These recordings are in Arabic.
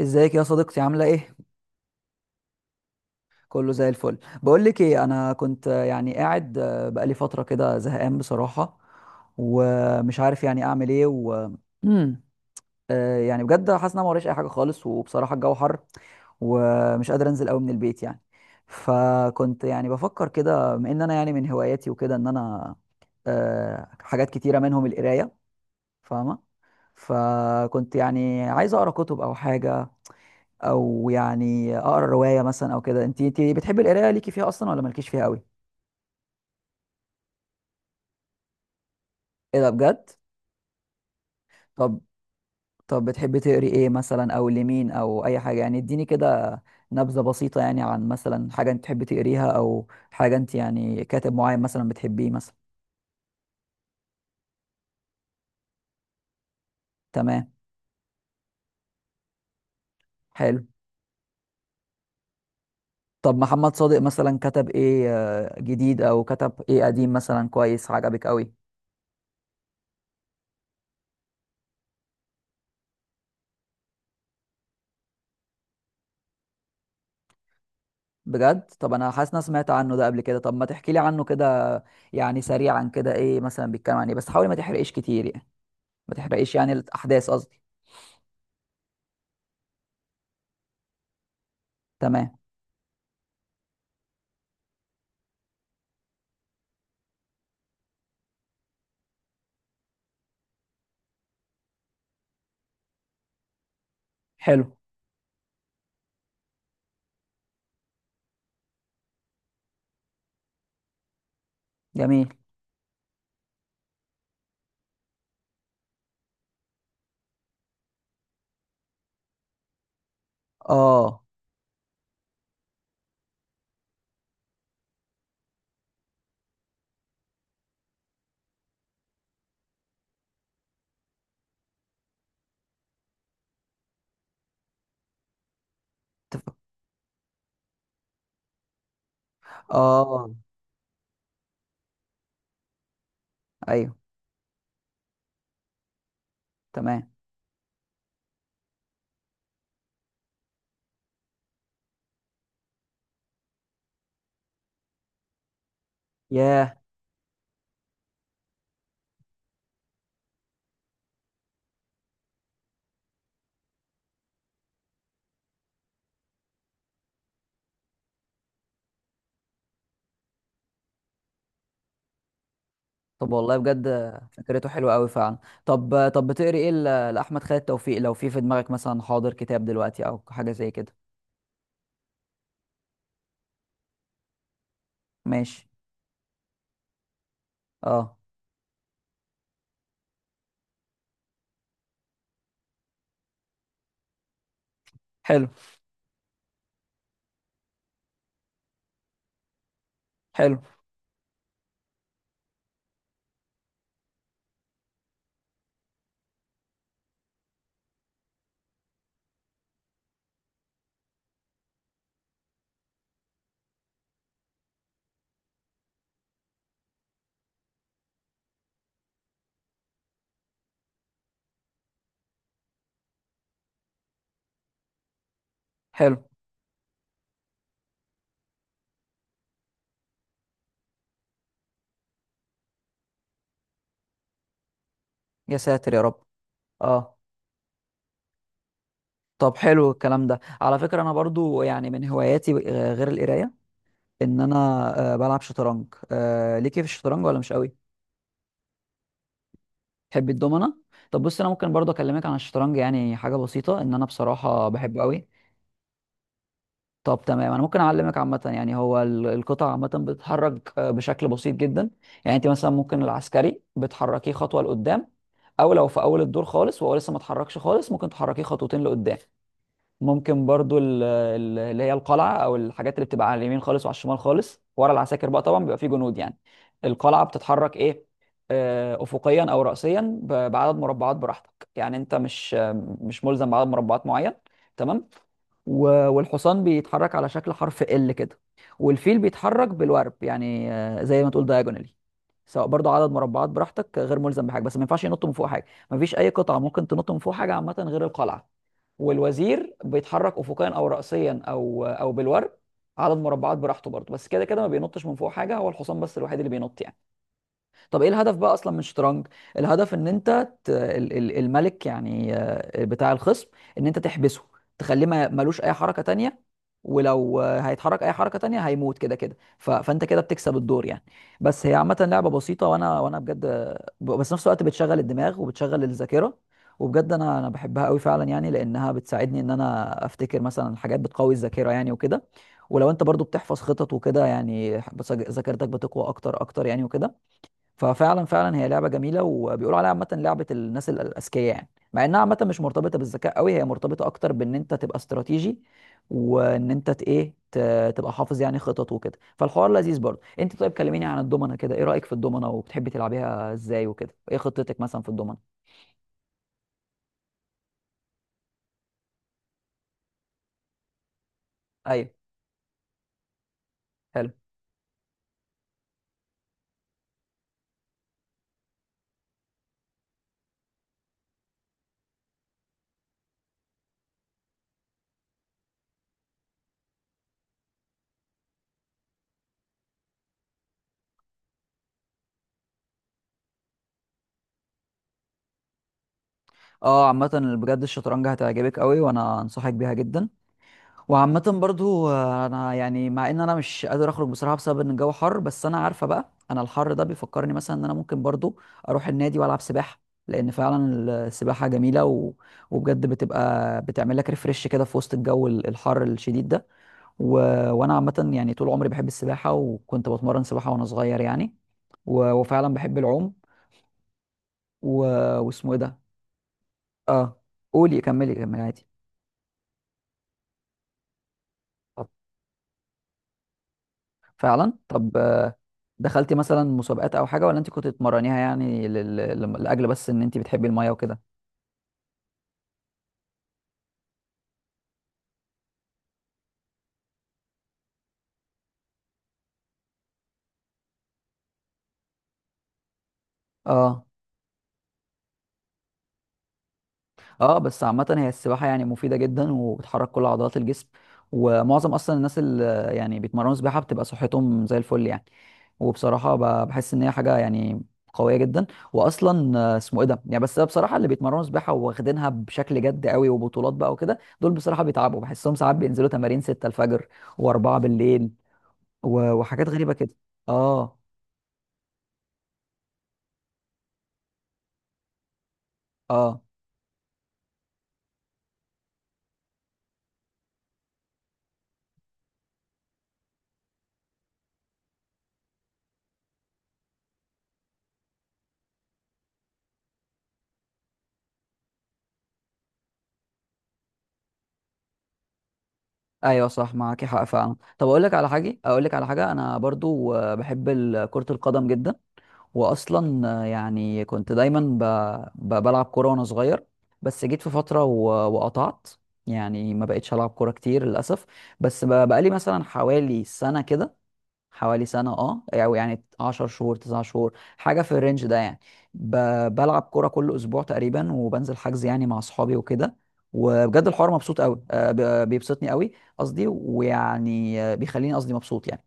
ازيك يا صديقتي؟ عامله ايه؟ كله زي الفل. بقول لك ايه، انا كنت يعني قاعد، بقالي فتره كده زهقان بصراحه، ومش عارف يعني اعمل ايه و مم. يعني بجد حاسس ان انا ما وريش اي حاجه خالص، وبصراحه الجو حر ومش قادر انزل قوي من البيت يعني. فكنت يعني بفكر كده، بما ان انا يعني من هواياتي وكده ان انا حاجات كتيره منهم القرايه، فاهمه؟ فكنت يعني عايز اقرا كتب او حاجه، او يعني اقرا روايه مثلا او كده. انت بتحبي القرايه، ليكي فيها اصلا ولا مالكيش فيها قوي؟ ايه ده بجد؟ طب طب بتحبي تقري ايه مثلا، او لمين، او اي حاجه يعني؟ اديني كده نبذه بسيطه يعني عن مثلا حاجه انت تحبي تقريها، او حاجه انت يعني كاتب معين مثلا بتحبيه مثلا. تمام. حلو. طب محمد صادق مثلا كتب ايه جديد او كتب ايه قديم مثلا كويس عجبك قوي؟ بجد؟ طب انا حاسس إن انا سمعت عنه ده قبل كده. طب ما تحكي لي عنه كده، يعني سريعا كده، ايه مثلا بيتكلم عن ايه؟ بس حاول ما تحرقش كتير يعني، ما تحرقش يعني الاحداث قصدي. تمام. حلو. جميل. اه. تف- اه. ايوه. تمام. ياه. طب والله بجد فكرته حلوه قوي فعلا. طب بتقري ايه لاحمد خالد توفيق، لو في في دماغك مثلا حاضر كتاب دلوقتي او حاجه زي كده؟ ماشي. اه. حلو. حلو. حلو. يا ساتر يا رب. اه. طب حلو الكلام ده. على فكرة أنا برضو يعني من هواياتي غير القراية إن أنا بلعب شطرنج. ليكي في الشطرنج ولا مش قوي؟ تحبي الدومنة؟ طب بص، أنا ممكن برضو أكلمك عن الشطرنج، يعني حاجة بسيطة، إن أنا بصراحة بحبه قوي. طب تمام، أنا ممكن أعلمك. عامة يعني هو القطع عامة بتتحرك بشكل بسيط جدا. يعني أنت مثلا ممكن العسكري بتحركيه خطوة لقدام، أو لو في أول الدور خالص وهو لسه ما اتحركش خالص، ممكن تحركيه خطوتين لقدام. ممكن برضو اللي هي القلعه، او الحاجات اللي بتبقى على اليمين خالص وعلى الشمال خالص ورا العساكر. بقى طبعا بيبقى فيه جنود يعني. القلعه بتتحرك ايه؟ افقيا او راسيا بعدد مربعات براحتك، يعني انت مش مش ملزم بعدد مربعات معين. تمام. والحصان بيتحرك على شكل حرف ال كده. والفيل بيتحرك بالورب، يعني زي ما تقول دايجونالي، سواء برضو عدد مربعات براحتك غير ملزم بحاجه. بس ما ينفعش ينط من فوق حاجه، ما فيش اي قطعه ممكن تنط من فوق حاجه عامه غير القلعه. والوزير بيتحرك افقيا او راسيا او بالورب، عدد مربعات براحته برضو. بس كده كده ما بينطش من فوق حاجه، هو الحصان بس الوحيد اللي بينط يعني. طب ايه الهدف بقى اصلا من الشطرنج؟ الهدف ان انت الملك يعني بتاع الخصم، ان انت تحبسه، تخليه ما ملوش اي حركة تانية، ولو هيتحرك اي حركة تانية هيموت كده كده. فانت كده بتكسب الدور يعني. بس هي عامة لعبة بسيطة. وانا بجد بس نفس الوقت بتشغل الدماغ وبتشغل الذاكرة، وبجد انا بحبها قوي فعلا، يعني لانها بتساعدني ان انا افتكر مثلا حاجات بتقوي الذاكرة يعني وكده. ولو انت برضو بتحفظ خطط وكده يعني، ذاكرتك بتقوى اكتر اكتر يعني وكده. ففعلا فعلا هي لعبه جميله، وبيقولوا عليها عامه لعبه الناس الاذكياء، يعني مع انها عامه مش مرتبطه بالذكاء قوي، هي مرتبطه اكتر بان انت تبقى استراتيجي، وان انت تبقى حافظ يعني خطط وكده. فالحوار لذيذ برضه. انت طيب كلميني عن الضمنه كده، ايه رايك في الضمنه؟ وبتحبي تلعبيها ازاي وكده؟ ايه خطتك مثلا في الضمنه؟ ايوه. حلو. اه عامه بجد الشطرنج هتعجبك قوي، وانا انصحك بيها جدا. وعامة برضو انا يعني مع ان انا مش قادر اخرج بصراحة بسبب ان الجو حر، بس انا عارفة بقى، انا الحر ده بيفكرني مثلا ان انا ممكن برضو اروح النادي والعب سباحة. لان فعلا السباحة جميلة، وبجد بتبقى بتعمل لك ريفرش كده في وسط الجو الحر الشديد ده. و... وانا عامة يعني طول عمري بحب السباحة، وكنت بتمرن سباحة وانا صغير يعني. وفعلا بحب العوم. و... واسمه ايه ده. اه قولي كملي كملي عادي. فعلا طب دخلتي مثلا مسابقات او حاجه، ولا انت كنت بتتمرنيها يعني لاجل بس ان انت بتحبي الميه وكده؟ اه. اه بس عامه هي السباحه يعني مفيده جدا، وبتحرك كل عضلات الجسم، ومعظم اصلا الناس اللي يعني بيتمرنوا سباحه بتبقى صحتهم زي الفل يعني. وبصراحه بحس ان هي حاجه يعني قويه جدا. واصلا اسمه ايه ده، يعني بس بصراحه اللي بيتمرنوا سباحه واخدينها بشكل جد قوي وبطولات بقى وكده، دول بصراحه بيتعبوا، بحسهم ساعات بينزلوا تمارين 6 الفجر و4 بالليل، وحاجات غريبه كده. اه. اه. ايوه صح، معاك حق فعلا. طب اقول لك على حاجه، اقول لك على حاجه، انا برضو بحب كره القدم جدا. واصلا يعني كنت دايما بلعب كوره وانا صغير، بس جيت في فتره وقطعت، يعني ما بقتش العب كوره كتير للاسف. بس بقالي مثلا حوالي سنه كده، حوالي سنة اه، او يعني 10 شهور 9 شهور، حاجة في الرينج ده يعني، ب... بلعب كورة كل اسبوع تقريبا، وبنزل حجز يعني مع اصحابي وكده. وبجد الحوار مبسوط قوي، بيبسطني قوي قصدي، ويعني بيخليني قصدي مبسوط يعني.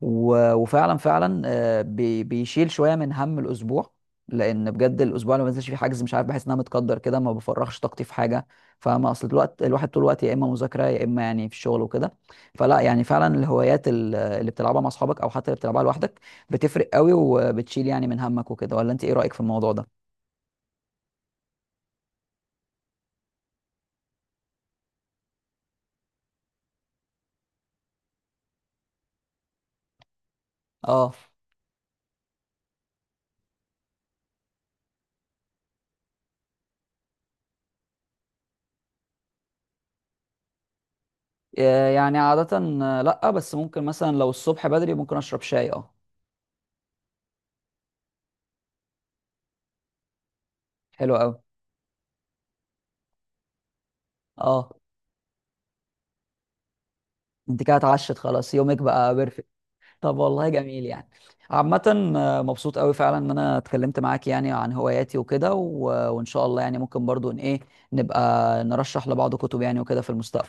وفعلا فعلا بيشيل شويه من هم الاسبوع، لان بجد الاسبوع اللي ما بنزلش فيه حجز مش عارف بحس ان انا متقدر كده، ما بفرغش طاقتي في حاجه. فما اصل الوقت الواحد طول الوقت يا اما مذاكره يا اما يعني في الشغل وكده. فلا يعني فعلا الهوايات اللي بتلعبها مع اصحابك او حتى اللي بتلعبها لوحدك بتفرق قوي، وبتشيل يعني من همك وكده. ولا انت ايه رايك في الموضوع ده؟ اه يعني عاده لا، بس ممكن مثلا لو الصبح بدري ممكن اشرب شاي اه. حلو قوي. اه انت كده اتعشت خلاص، يومك بقى بيرفكت. طب والله جميل يعني. عامة مبسوط قوي فعلا ان انا اتكلمت معاك يعني عن هواياتي وكده. وان شاء الله يعني ممكن برضو ان ايه، نبقى نرشح لبعض كتب يعني وكده في المستقبل.